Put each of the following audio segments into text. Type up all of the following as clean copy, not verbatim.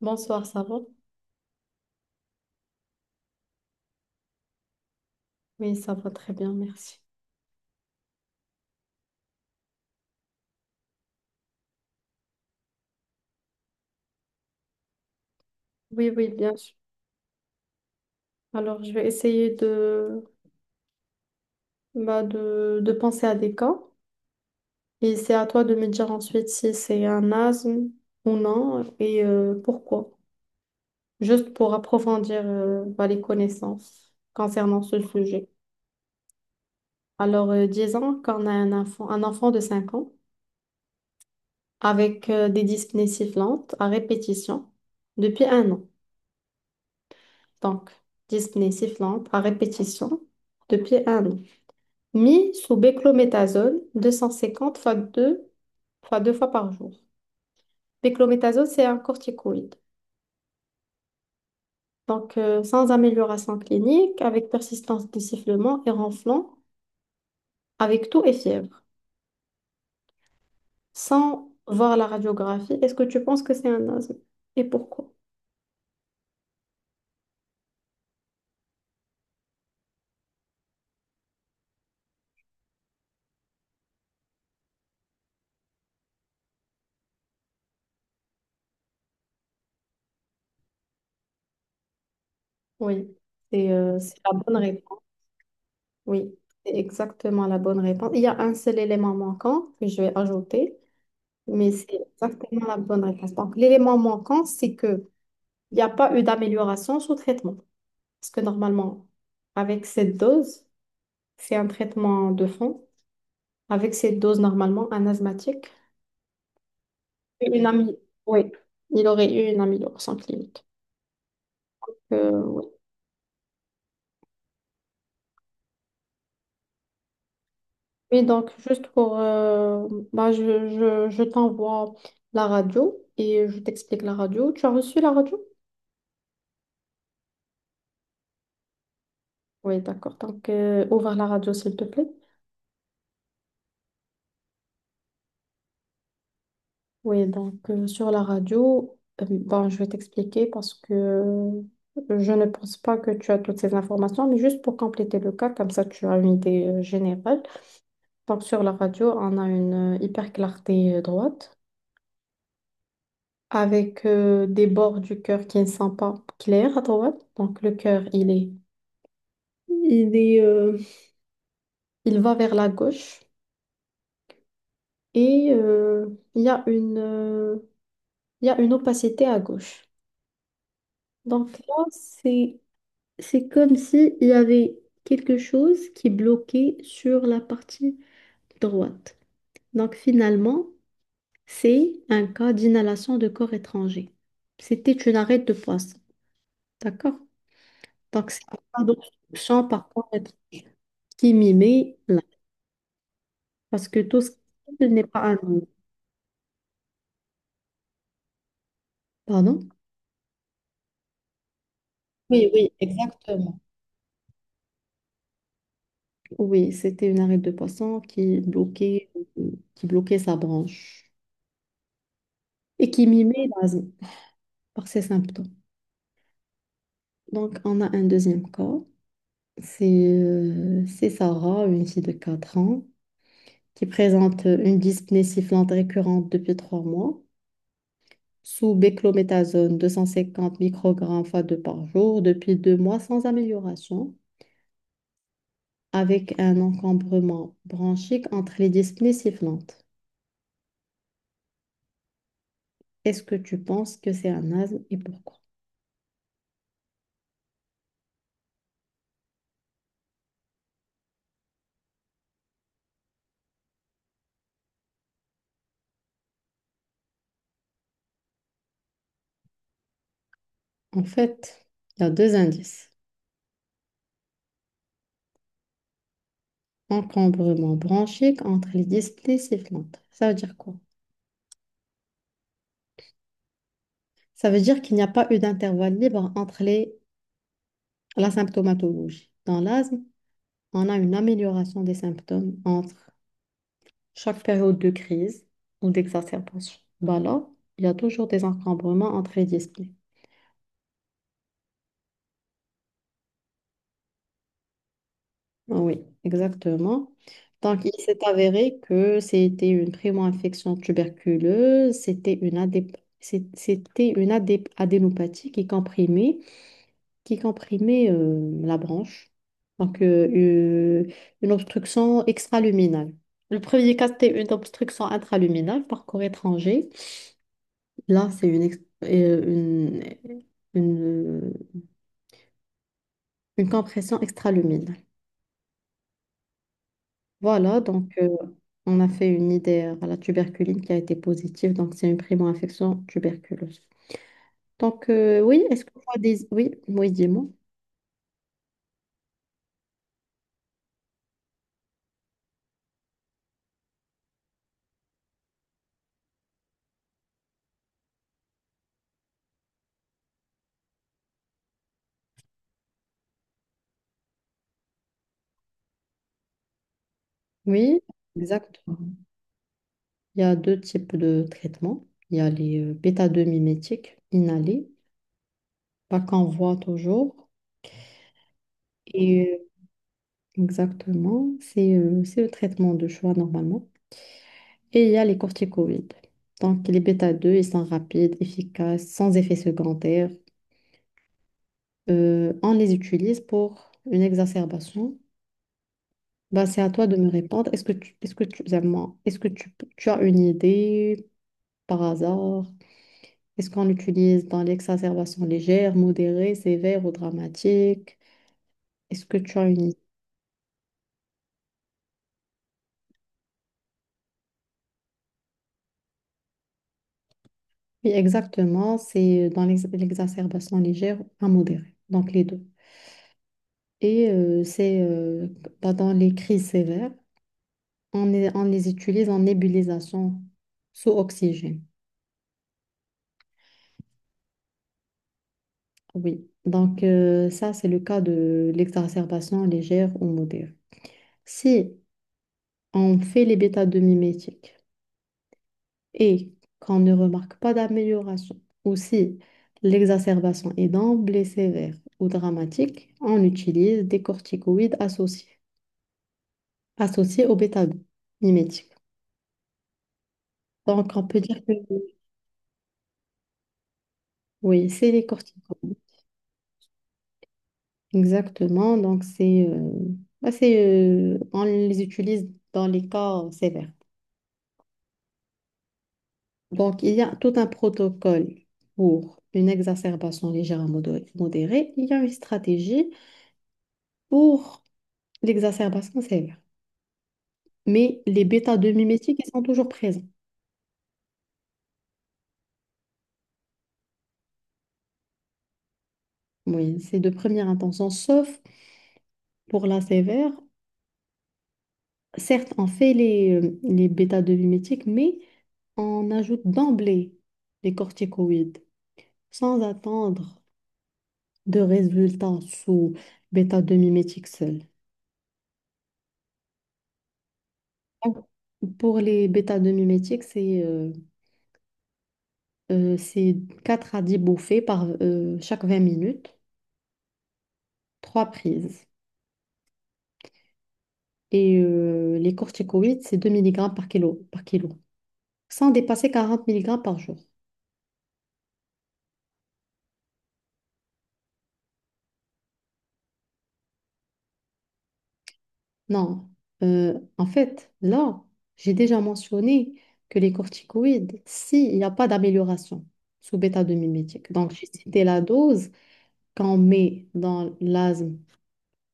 Bonsoir, ça va? Oui, ça va très bien, merci. Oui, oui, bien sûr. Alors, je vais essayer bah, de penser à des cas et c'est à toi de me dire ensuite si c'est un asthme ou non et pourquoi. Juste pour approfondir bah, les connaissances concernant ce sujet. Alors, disons qu'on a un enfant de 5 ans avec des dyspnées sifflantes à répétition depuis un an. Donc, dyspnées sifflantes à répétition depuis un an, mis sous béclométasone 250 fois 2 fois par jour. Béclométasone, c'est un corticoïde. Donc, sans amélioration clinique, avec persistance des sifflements et ronflements, avec toux et fièvre, sans voir la radiographie, est-ce que tu penses que c'est un asthme? Et pourquoi? Oui, c'est la bonne réponse. Oui, c'est exactement la bonne réponse. Il y a un seul élément manquant que je vais ajouter, mais c'est exactement la bonne réponse. Donc, l'élément manquant, c'est que il n'y a pas eu d'amélioration sous traitement. Parce que normalement, avec cette dose, c'est un traitement de fond. Avec cette dose, normalement, un asthmatique, une amie, oui, il aurait eu une amélioration clinique. Oui. Oui, donc, bah, je t'envoie la radio et je t'explique la radio. Tu as reçu la radio? Oui, d'accord. Donc, ouvre la radio, s'il te plaît. Oui, donc sur la radio, bon, je vais t'expliquer parce que je ne pense pas que tu as toutes ces informations, mais juste pour compléter le cas, comme ça tu as une idée générale. Donc sur la radio, on a une hyper clarté droite avec des bords du cœur qui ne sont pas clairs à droite. Donc le cœur, il est, euh, il va vers la gauche et il y a une, il y a une opacité à gauche. Donc là, c'est comme s'il y avait quelque chose qui bloquait sur la partie droite. Donc finalement, c'est un cas d'inhalation de corps étranger. C'était une arête de poisson. D'accord? Donc c'est pas d'obstruction par corps étranger qui mimait là. Parce que tout ce qui n'est pas un mime. Pardon? Oui, oui, exactement. Oui, c'était une arête de poisson qui bloquait, sa branche et qui mimait l'asthme par ses symptômes. Donc, on a un deuxième cas. C'est c'est Sarah, une fille de 4 ans, qui présente une dyspnée sifflante récurrente depuis 3 mois, sous béclométasone 250 microgrammes fois 2 par jour, depuis 2 mois sans amélioration, avec un encombrement bronchique entre les dyspnées sifflantes. Est-ce que tu penses que c'est un asthme et pourquoi? En fait, il y a deux indices. Encombrement bronchique entre les dyspnées sifflantes. Ça veut dire quoi? Ça veut dire qu'il n'y a pas eu d'intervalle libre entre la symptomatologie. Dans l'asthme, on a une amélioration des symptômes entre chaque période de crise ou d'exacerbation. Bah là, il y a toujours des encombrements entre les disciplines. Ah, oui, exactement. Donc, il s'est avéré que c'était une primo-infection tuberculeuse, c'était une, adép- c'est- c'était une adép- adénopathie qui comprimait la branche. Donc, euh, une obstruction extraluminale. Le premier cas, c'était une obstruction intraluminale par corps étranger. Là, c'est une, ex- euh, une, une, euh, une compression extraluminale. Voilà, donc on a fait une idée à la tuberculine qui a été positive. Donc, c'est une primo-infection tuberculeuse. Donc, oui, est-ce que tu as des... Oui, oui, dis-moi. Oui, exact. Il y a deux types de traitements. Il y a les bêta-2-mimétiques inhalés, pas qu'on voit toujours. Et Exactement, c'est le traitement de choix normalement. Et il y a les corticoïdes. Donc les bêta-2, ils sont rapides, efficaces, sans effet secondaire. On les utilise pour une exacerbation. Bah, c'est à toi de me répondre. Zalma, est-ce que tu as une idée par hasard? Est-ce qu'on l'utilise dans l'exacerbation légère, modérée, sévère ou dramatique? Est-ce que tu as une idée? Oui, exactement, c'est dans l'exacerbation légère à modérée, donc les deux. Et c'est dans les crises sévères, on les utilise en nébulisation sous oxygène. Oui, donc ça, c'est le cas de l'exacerbation légère ou modérée. Si on fait les bêta-2-mimétiques, et qu'on ne remarque pas d'amélioration, ou si l'exacerbation est d'emblée sévère ou dramatique, on utilise des corticoïdes associés, associés au bêta-glucane mimétique. Donc, on peut dire que oui, c'est les corticoïdes. Exactement. Donc, bah, on les utilise dans les cas sévères. Donc, il y a tout un protocole pour une exacerbation légère à modérée. Il y a une stratégie pour l'exacerbation sévère. Mais les bêta 2 mimétiques, ils sont toujours présents. Oui, c'est de première intention, sauf pour la sévère. Certes, on fait les bêta 2 mimétiques, mais on ajoute d'emblée les corticoïdes, sans attendre de résultats sous bêta 2 mimétiques seul. Donc, pour les bêta 2 mimétiques, c'est 4 à 10 bouffées par chaque 20 minutes, 3 prises. Et les corticoïdes, c'est 2 mg par kilo, par kilo, sans dépasser 40 mg par jour. Non, en fait, là, j'ai déjà mentionné que les corticoïdes, s'il n'y a pas d'amélioration sous bêta-2-mimétique, donc j'ai cité la dose qu'on met dans l'asthme,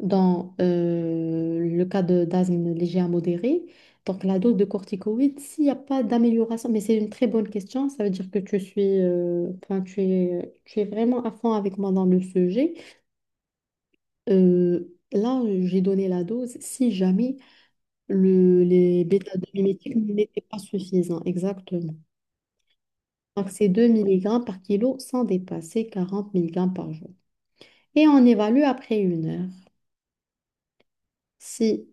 dans le cas de d'asthme léger à modéré, donc la dose de corticoïdes, s'il n'y a pas d'amélioration, mais c'est une très bonne question, ça veut dire que tu suis, enfin, tu es vraiment à fond avec moi dans le sujet. Euh, Là, j'ai donné la dose si jamais les bêta-2-mimétiques n'étaient pas suffisants, exactement. Donc, c'est 2 mg par kilo sans dépasser 40 mg par jour. Et on évalue après 1 heure si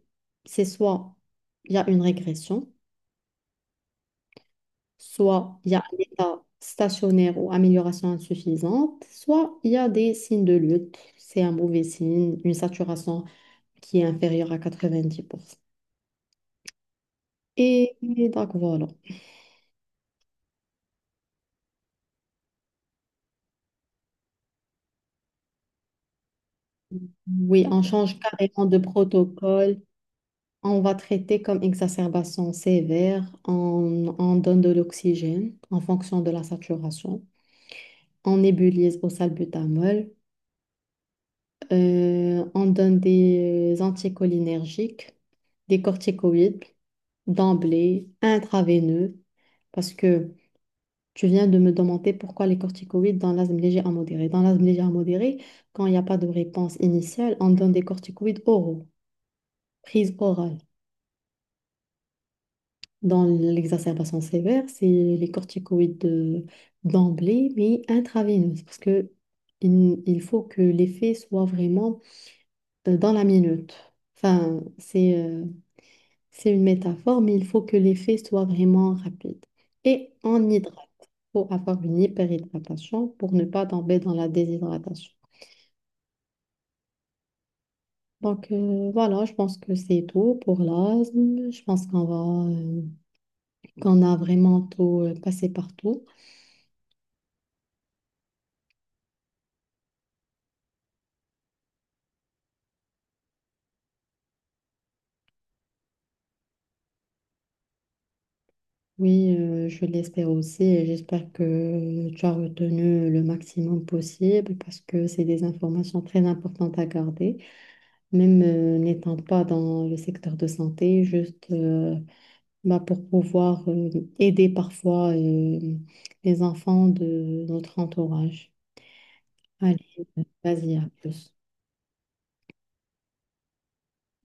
c'est soit il y a une régression, soit il y a un état stationnaire ou amélioration insuffisante, soit il y a des signes de lutte. C'est un mauvais signe, une saturation qui est inférieure à 90%. Et donc voilà. Oui, on change carrément de protocole. On va traiter comme exacerbation sévère. On donne de l'oxygène en fonction de la saturation. On nébulise au salbutamol. On donne des anticholinergiques, des corticoïdes d'emblée, intraveineux. Parce que tu viens de me demander pourquoi les corticoïdes dans l'asthme léger à modéré. Dans l'asthme léger à modéré, quand il n'y a pas de réponse initiale, on donne des corticoïdes oraux, prise orale. Dans l'exacerbation sévère, c'est les corticoïdes d'emblée, mais intraveineuses, parce que il faut que l'effet soit vraiment dans la minute. Enfin, c'est une métaphore, mais il faut que l'effet soit vraiment rapide. Et on hydrate. Il faut avoir une hyperhydratation pour ne pas tomber dans la déshydratation. Donc voilà, je pense que c'est tout pour l'asthme. Je pense qu'on a vraiment tout passé partout. Oui, je l'espère aussi et j'espère que tu as retenu le maximum possible parce que c'est des informations très importantes à garder, même n'étant pas dans le secteur de santé, juste bah, pour pouvoir aider parfois les enfants de notre entourage. Allez, vas-y, à plus.